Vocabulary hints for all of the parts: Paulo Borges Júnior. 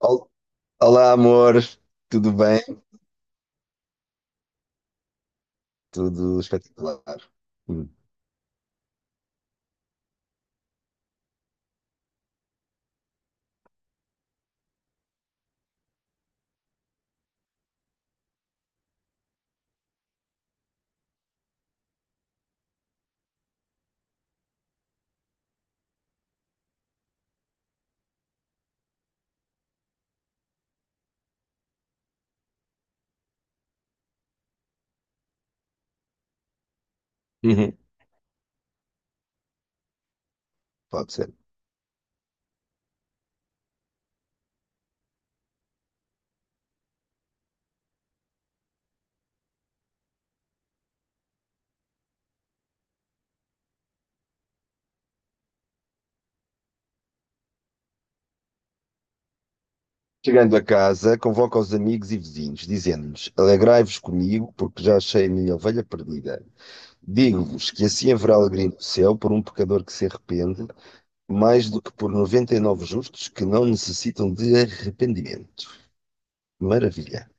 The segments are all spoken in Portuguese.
Ol- Olá, amor, tudo bem? Tudo espetacular. Hum. Uhum. Pode ser. Chegando a casa, convoca os amigos e vizinhos, dizendo-lhes: Alegrai-vos comigo, porque já achei a minha ovelha perdida. Digo-vos que assim haverá alegria no céu por um pecador que se arrepende, mais do que por 99 justos que não necessitam de arrependimento. Maravilha.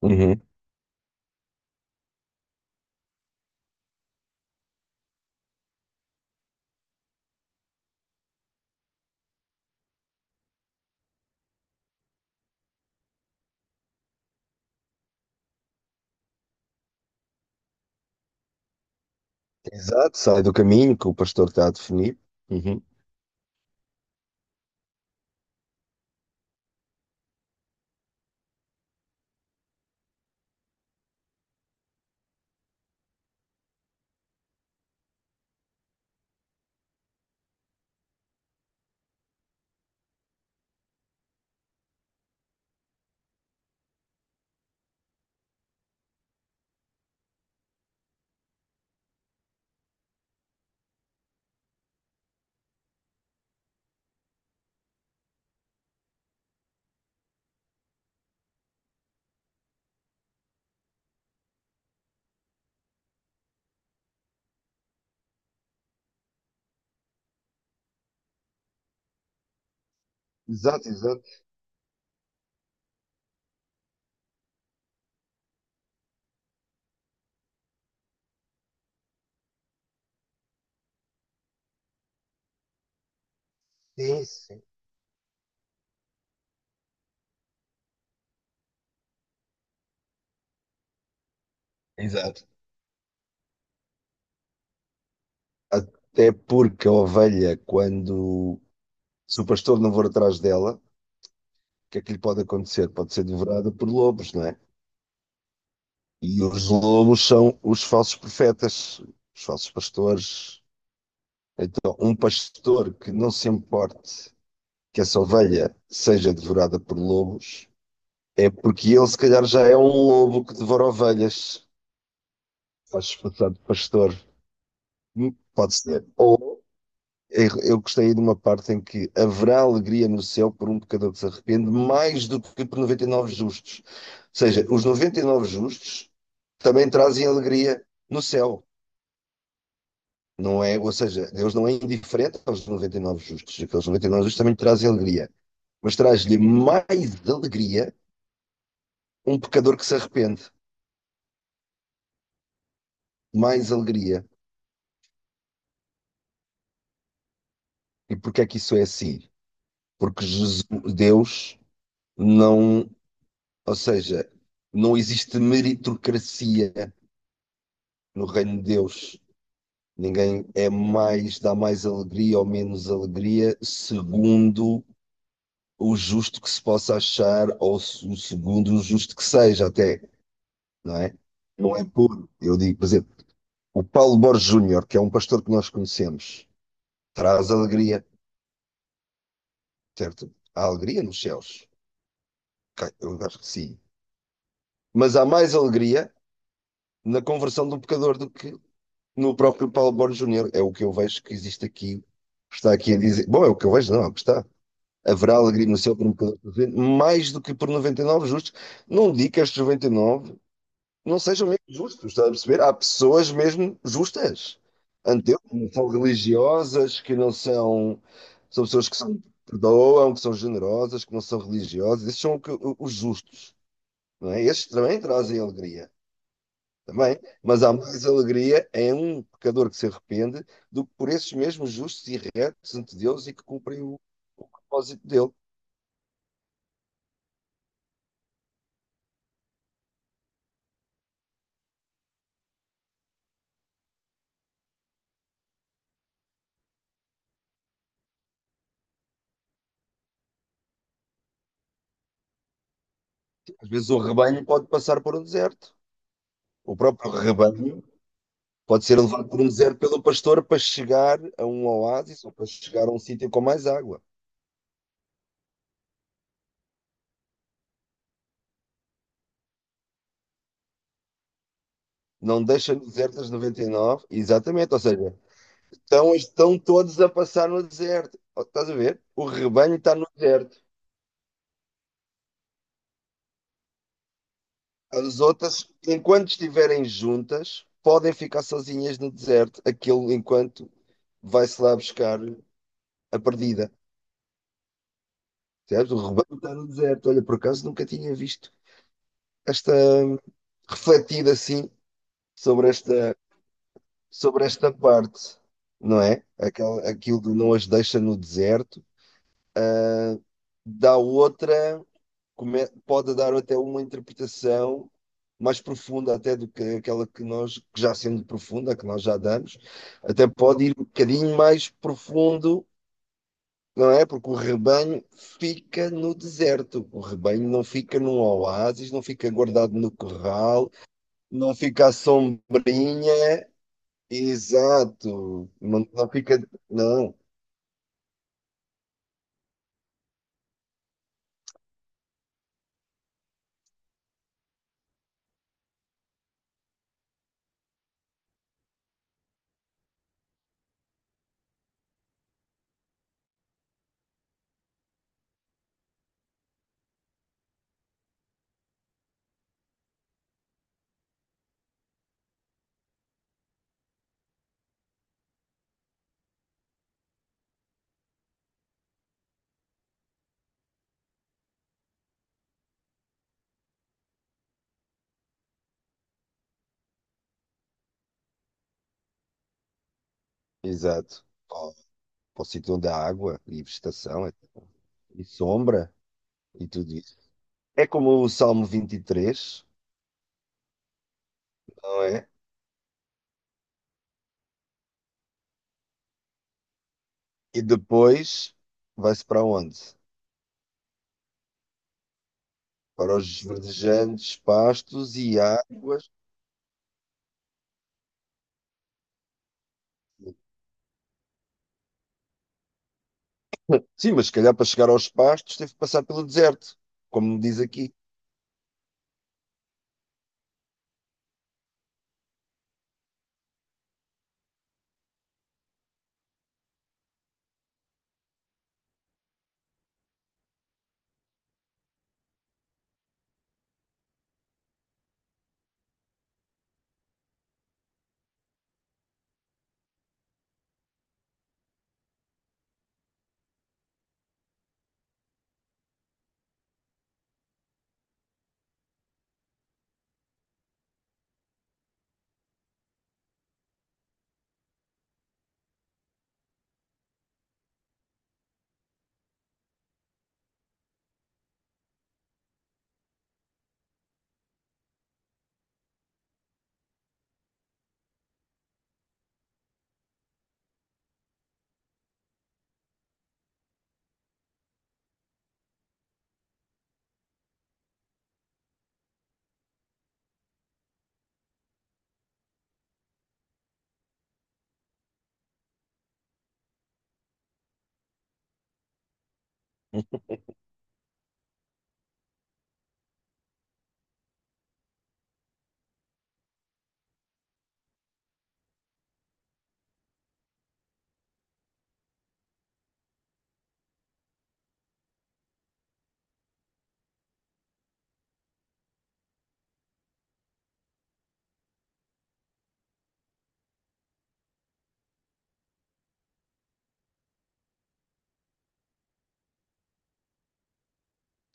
Uhum. Exato, sai do caminho que o pastor está a definir. Uhum. Exato, exato. Sim, sim. Exato. Até porque a ovelha, quando se o pastor não for atrás dela, o que é que lhe pode acontecer? Pode ser devorada por lobos, não é? E os lobos são os falsos profetas, os falsos pastores. Então, um pastor que não se importe que essa ovelha seja devorada por lobos, é porque ele, se calhar, já é um lobo que devora ovelhas. Faz-se passar de pastor. Pode ser. Ou eu gostei de uma parte em que haverá alegria no céu por um pecador que se arrepende, mais do que por 99 justos. Ou seja, os 99 justos também trazem alegria no céu. Não é, ou seja, Deus não é indiferente aos 99 justos. Aqueles 99 justos também trazem alegria. Mas traz-lhe mais alegria um pecador que se arrepende. Mais alegria. E porquê é que isso é assim? Porque Deus não, ou seja, não existe meritocracia no reino de Deus. Ninguém é mais, dá mais alegria ou menos alegria, segundo o justo que se possa achar, ou segundo o justo que seja, até, não é? Não é puro. Eu digo, por exemplo, o Paulo Borges Júnior, que é um pastor que nós conhecemos, traz alegria, certo? Há alegria nos céus. Ok, eu acho que sim. Mas há mais alegria na conversão do pecador do que no próprio Paulo Borges Júnior. É o que eu vejo que existe aqui, está aqui a dizer. Bom, é o que eu vejo, não, é o que está. Haverá alegria no céu por um pecador presente, mais do que por 99 justos. Não digo que estes 99 não sejam mesmo justos, está a perceber? Há pessoas mesmo justas. Ante eu, que não são religiosas, que não são. São pessoas que são, perdoam, que são generosas, que não são religiosas. Esses são os justos, não é? Estes também trazem alegria, também. Mas há mais alegria em um pecador que se arrepende do que por esses mesmos justos e retos ante Deus e que cumprem o propósito dele. Às vezes o rebanho pode passar por um deserto. O próprio rebanho pode ser levado por um deserto pelo pastor para chegar a um oásis ou para chegar a um sítio com mais água. Não deixa no deserto as 99, exatamente, ou seja, estão, estão todos a passar no deserto. Oh, estás a ver? O rebanho está no deserto. As outras, enquanto estiverem juntas, podem ficar sozinhas no deserto, aquilo enquanto vai-se lá buscar a perdida. Certo? O rebanho está no deserto. Olha, por acaso nunca tinha visto esta, refletir assim sobre esta, sobre esta parte, não é? Aquela, aquilo de não as deixa no deserto, dá outra, pode dar até uma interpretação mais profunda até do que aquela que nós, que já sendo profunda, que nós já damos, até pode ir um bocadinho mais profundo, não é? Porque o rebanho fica no deserto, o rebanho não fica num oásis, não fica guardado no corral, não fica à sombrinha. Exato. Não, não fica. Não. Exato. Ó, para o sítio onde há água e vegetação e sombra e tudo isso. É como o Salmo 23, não é? E depois vai-se para onde? Para os verdejantes pastos e águas. Sim, mas se calhar para chegar aos pastos teve que passar pelo deserto, como diz aqui.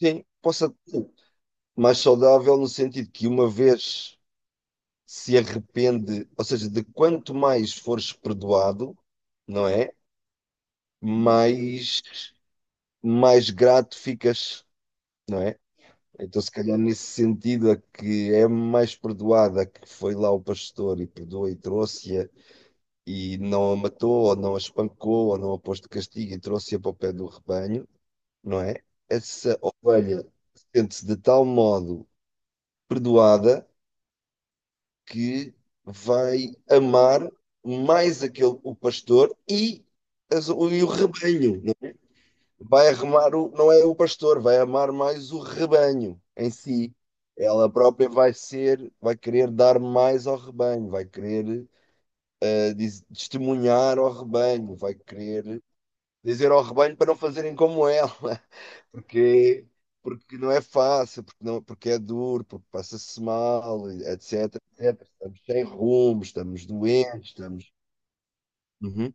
Sim, possa ser mais saudável no sentido que uma vez se arrepende, ou seja, de quanto mais fores perdoado, não é? Mais, mais grato ficas, não é? Então, se calhar, nesse sentido, a que é mais perdoada, a que foi lá o pastor e perdoou e trouxe-a e não a matou, ou não a espancou, ou não a pôs de castigo e trouxe-a para o pé do rebanho, não é? Essa ovelha sente-se de tal modo perdoada que vai amar mais aquele, o pastor e, e o rebanho. Não é? Vai arrumar, o, não é o pastor, vai amar mais o rebanho em si. Ela própria vai ser, vai querer dar mais ao rebanho, vai querer testemunhar ao rebanho, vai querer dizer ao rebanho para não fazerem como ela. Porque, porque não é fácil, porque, não, porque é duro, porque passa-se mal, etc, etc. Estamos sem rumo, estamos doentes, estamos. Uhum.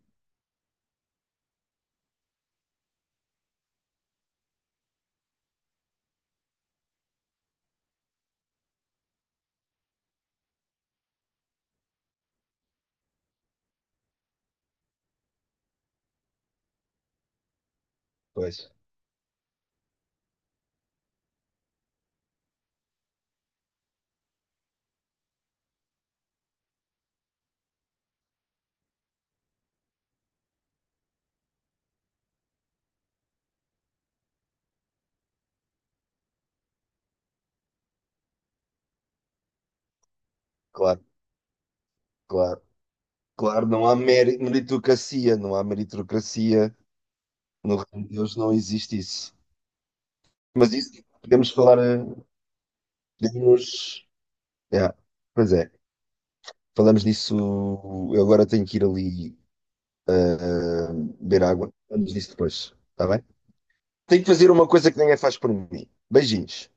Pois, claro, claro. Claro, não há meritocracia, não há meritocracia. No reino de Deus não existe isso. Mas isso podemos falar, podemos. Yeah. Pois é, falamos disso. Eu agora tenho que ir ali beber água. Falamos disso depois, está bem? Tenho que fazer uma coisa que ninguém faz por mim. Beijinhos.